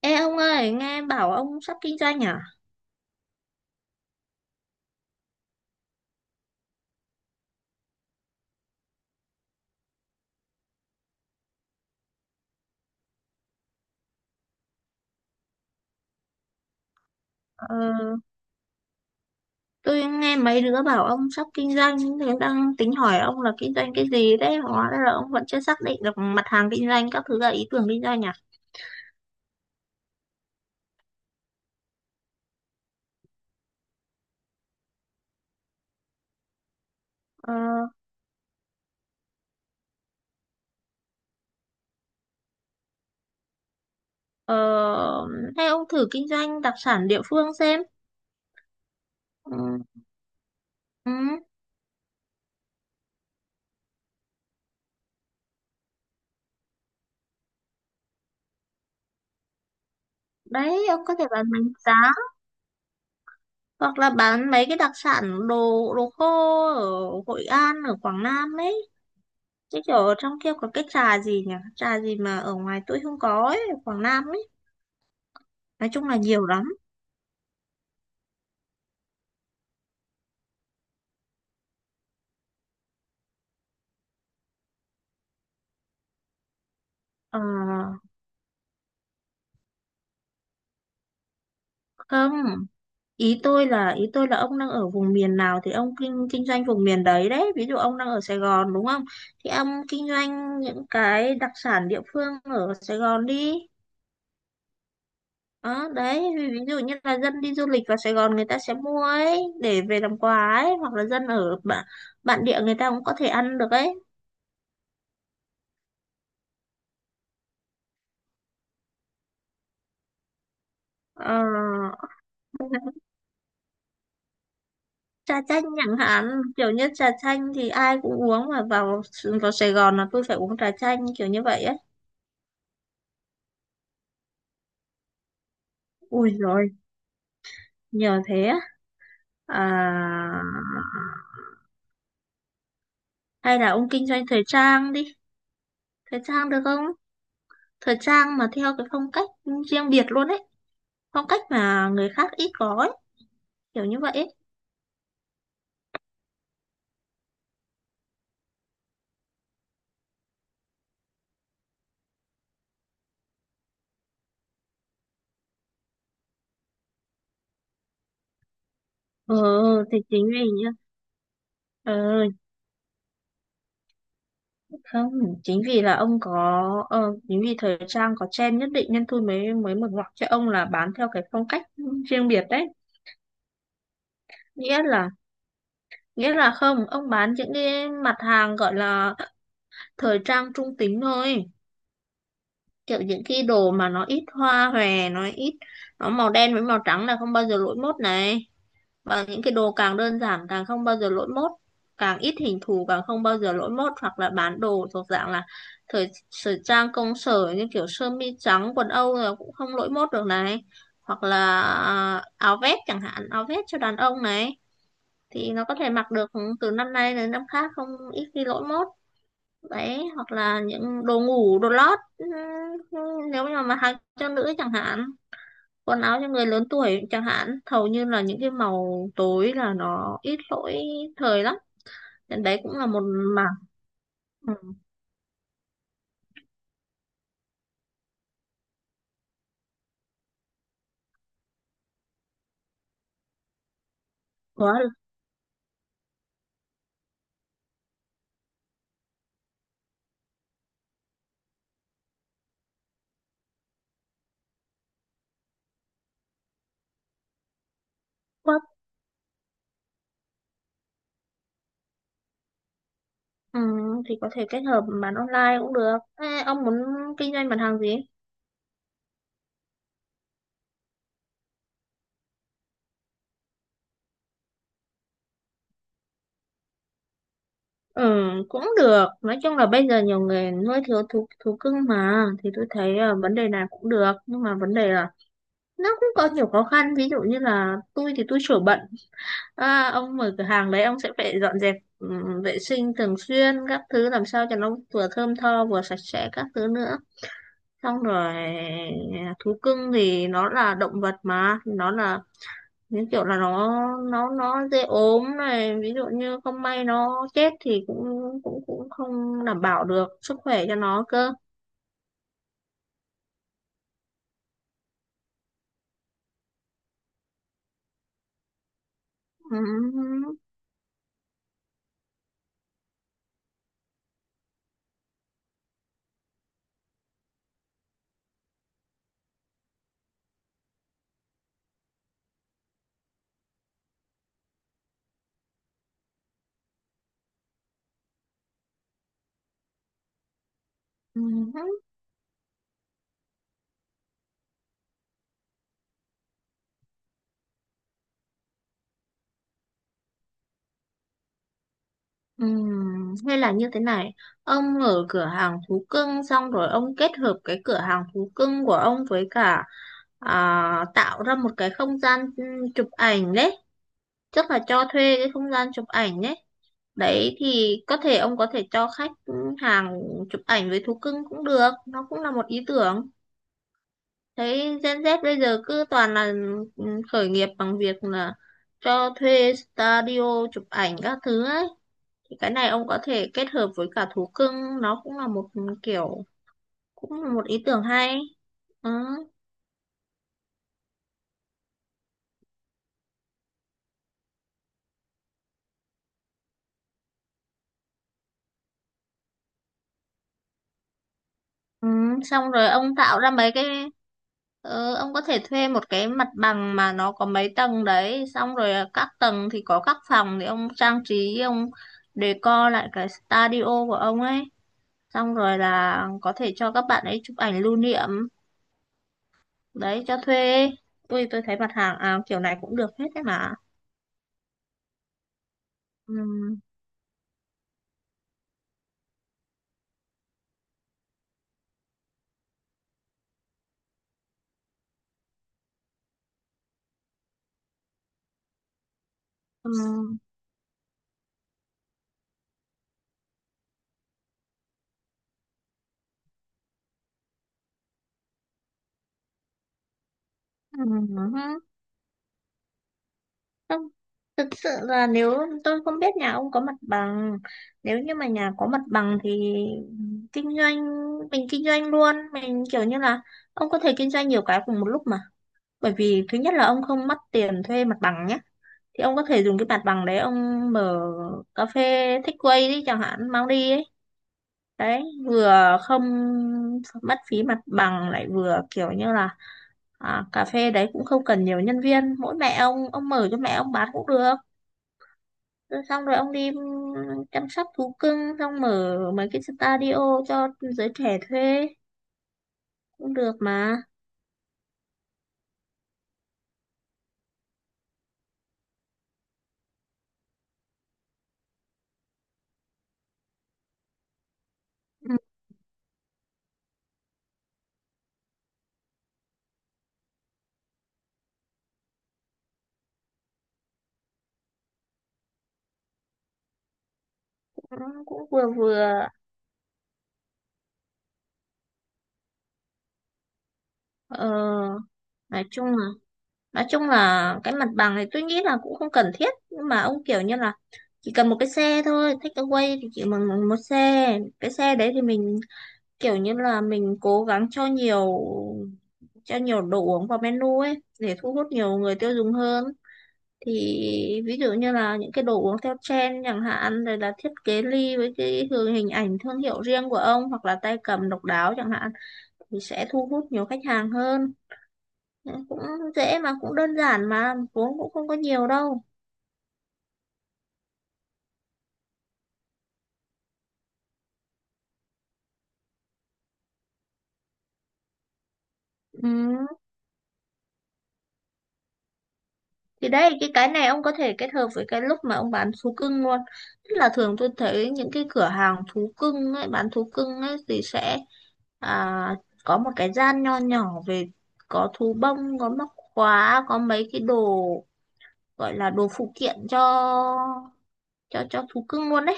Ê ông ơi, nghe bảo ông sắp kinh doanh à? Ờ, tôi nghe mấy đứa bảo ông sắp kinh doanh, thì đang tính hỏi ông là kinh doanh cái gì đấy, hóa ra là ông vẫn chưa xác định được mặt hàng kinh doanh, các thứ là ý tưởng kinh doanh à? Ờ, ờ, Hay ông thử kinh doanh đặc sản địa phương xem. Ừ, ừ, đấy, ông có thể bán bánh giá, hoặc là bán mấy cái đặc sản đồ đồ khô ở Hội An, ở Quảng Nam ấy. Chứ kiểu ở trong kia có cái trà gì nhỉ? Trà gì mà ở ngoài tôi không có ấy, ở Quảng Nam ấy. Nói chung là nhiều lắm. Ờ, Không, ý tôi là ông đang ở vùng miền nào thì ông kinh kinh doanh vùng miền đấy đấy, ví dụ ông đang ở Sài Gòn đúng không, thì ông kinh doanh những cái đặc sản địa phương ở Sài Gòn đi. Đó đấy, ví ví dụ như là dân đi du lịch vào Sài Gòn người ta sẽ mua ấy để về làm quà ấy, hoặc là dân ở bản địa người ta cũng có thể ăn được ấy. Ờ, trà chanh chẳng hạn, kiểu như trà chanh thì ai cũng uống, mà vào vào Sài Gòn là tôi phải uống trà chanh kiểu như vậy á. Ui rồi nhờ thế á. À, hay là ông kinh doanh thời trang đi. Thời trang được không? Thời trang mà theo cái phong cách riêng biệt luôn ấy, phong cách mà người khác ít có ấy, kiểu như vậy ấy. ờ thì chính vì nhá. ờ Không, chính vì là ông có chính vì thời trang có trend nhất định nên tôi mới mới mở ngoặc cho ông là bán theo cái phong cách riêng biệt đấy. Nghĩa là nghĩa là không, ông bán những cái mặt hàng gọi là thời trang trung tính thôi, kiểu những cái đồ mà nó ít hoa hòe, nó ít, nó màu đen với màu trắng là không bao giờ lỗi mốt này. Và những cái đồ càng đơn giản càng không bao giờ lỗi mốt, càng ít hình thù càng không bao giờ lỗi mốt, hoặc là bán đồ thuộc dạng là thời thời trang công sở như kiểu sơ mi trắng quần Âu là cũng không lỗi mốt được này, hoặc là áo vest chẳng hạn, áo vest cho đàn ông này, thì nó có thể mặc được từ năm nay đến năm khác, không ít khi lỗi mốt. Đấy, hoặc là những đồ ngủ đồ lót, nếu như mà mặc cho nữ chẳng hạn, quần áo cho người lớn tuổi chẳng hạn, hầu như là những cái màu tối là nó ít lỗi thời lắm, nên đấy cũng là một mảng. Ừ, quá là quá. Ừ, thì có thể kết hợp bán online cũng được. Ê, ông muốn kinh doanh mặt hàng gì? Ừ, cũng được. Nói chung là bây giờ nhiều người nuôi thú thú cưng mà, thì tôi thấy vấn đề này cũng được, nhưng mà vấn đề là nó cũng có nhiều khó khăn, ví dụ như là tôi thì tôi sửa bận. À, ông mở cửa hàng đấy ông sẽ phải dọn dẹp, vệ sinh thường xuyên các thứ, làm sao cho nó vừa thơm tho vừa sạch sẽ các thứ nữa. Xong rồi thú cưng thì nó là động vật, mà nó là những kiểu là nó nó dễ ốm này, ví dụ như không may nó chết thì cũng cũng cũng không đảm bảo được sức khỏe cho nó cơ. Ừm, ừm. Hay là như thế này, ông mở cửa hàng thú cưng xong rồi ông kết hợp cái cửa hàng thú cưng của ông với cả tạo ra một cái không gian, chụp ảnh đấy, chắc là cho thuê cái không gian chụp ảnh đấy. Đấy, thì có thể ông có thể cho khách hàng chụp ảnh với thú cưng cũng được, nó cũng là một ý tưởng. Thấy Gen Z bây giờ cứ toàn là, ừ, khởi nghiệp bằng việc là cho thuê studio chụp ảnh các thứ ấy. Thì cái này ông có thể kết hợp với cả thú cưng, nó cũng là một kiểu, cũng là một ý tưởng hay. Ừ. Ừ. Xong rồi ông tạo ra mấy cái, ông có thể thuê một cái mặt bằng mà nó có mấy tầng đấy, xong rồi các tầng thì có các phòng thì ông trang trí, ông decor lại cái studio của ông ấy, xong rồi là có thể cho các bạn ấy chụp ảnh lưu niệm đấy cho thuê. Tôi thấy mặt hàng kiểu này cũng được hết đấy mà. Ừ. Ừ. Ừ. Ừ. Không, thực sự là nếu, tôi không biết nhà ông có mặt bằng, nếu như mà nhà có mặt bằng thì kinh doanh, mình kinh doanh luôn, mình kiểu như là ông có thể kinh doanh nhiều cái cùng một lúc mà. Bởi vì thứ nhất là ông không mất tiền thuê mặt bằng nhé. Thì ông có thể dùng cái mặt bằng đấy ông mở cà phê takeaway đi chẳng hạn, mang đi ấy. Đấy, vừa không mất phí mặt bằng lại vừa kiểu như là cà phê đấy cũng không cần nhiều nhân viên, mỗi mẹ ông mở cho mẹ ông bán cũng được. Rồi xong rồi ông đi chăm sóc thú cưng xong mở mấy cái studio cho giới trẻ thuê cũng được mà. Ừ, cũng cũng vừa vừa ờ, nói chung là, nói chung là cái mặt bằng này tôi nghĩ là cũng không cần thiết, nhưng mà ông kiểu như là chỉ cần một cái xe thôi, take away thì chỉ bằng bằng một xe. Cái xe đấy thì mình kiểu như là mình cố gắng cho nhiều, cho nhiều đồ uống vào menu ấy để thu hút nhiều người tiêu dùng hơn. Thì ví dụ như là những cái đồ uống theo trend chẳng hạn, rồi là thiết kế ly với cái hình ảnh thương hiệu riêng của ông, hoặc là tay cầm độc đáo chẳng hạn, thì sẽ thu hút nhiều khách hàng hơn. Cũng dễ mà, cũng đơn giản mà, vốn cũng không có nhiều đâu. Ừ. Thì đấy, cái này ông có thể kết hợp với cái lúc mà ông bán thú cưng luôn. Tức là thường tôi thấy những cái cửa hàng thú cưng ấy, bán thú cưng ấy thì sẽ à, có một cái gian nho nhỏ về, có thú bông, có móc khóa, có mấy cái đồ gọi là đồ phụ kiện cho cho thú cưng luôn đấy.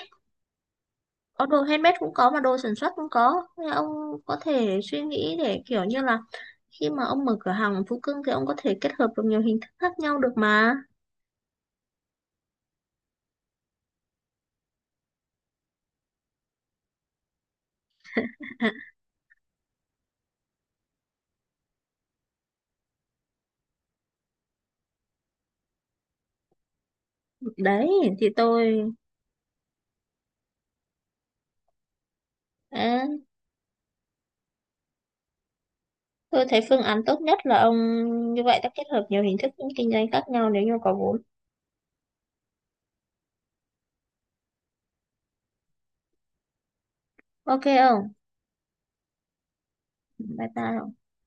Có đồ handmade cũng có mà đồ sản xuất cũng có. Nên ông có thể suy nghĩ để kiểu như là khi mà ông mở cửa hàng thú cưng thì ông có thể kết hợp được nhiều hình thức khác nhau được mà. Đấy thì tôi, à, tôi thấy phương án tốt nhất là ông như vậy ta, kết hợp nhiều hình thức kinh doanh khác nhau nếu như có vốn. Ok không? Bye bye.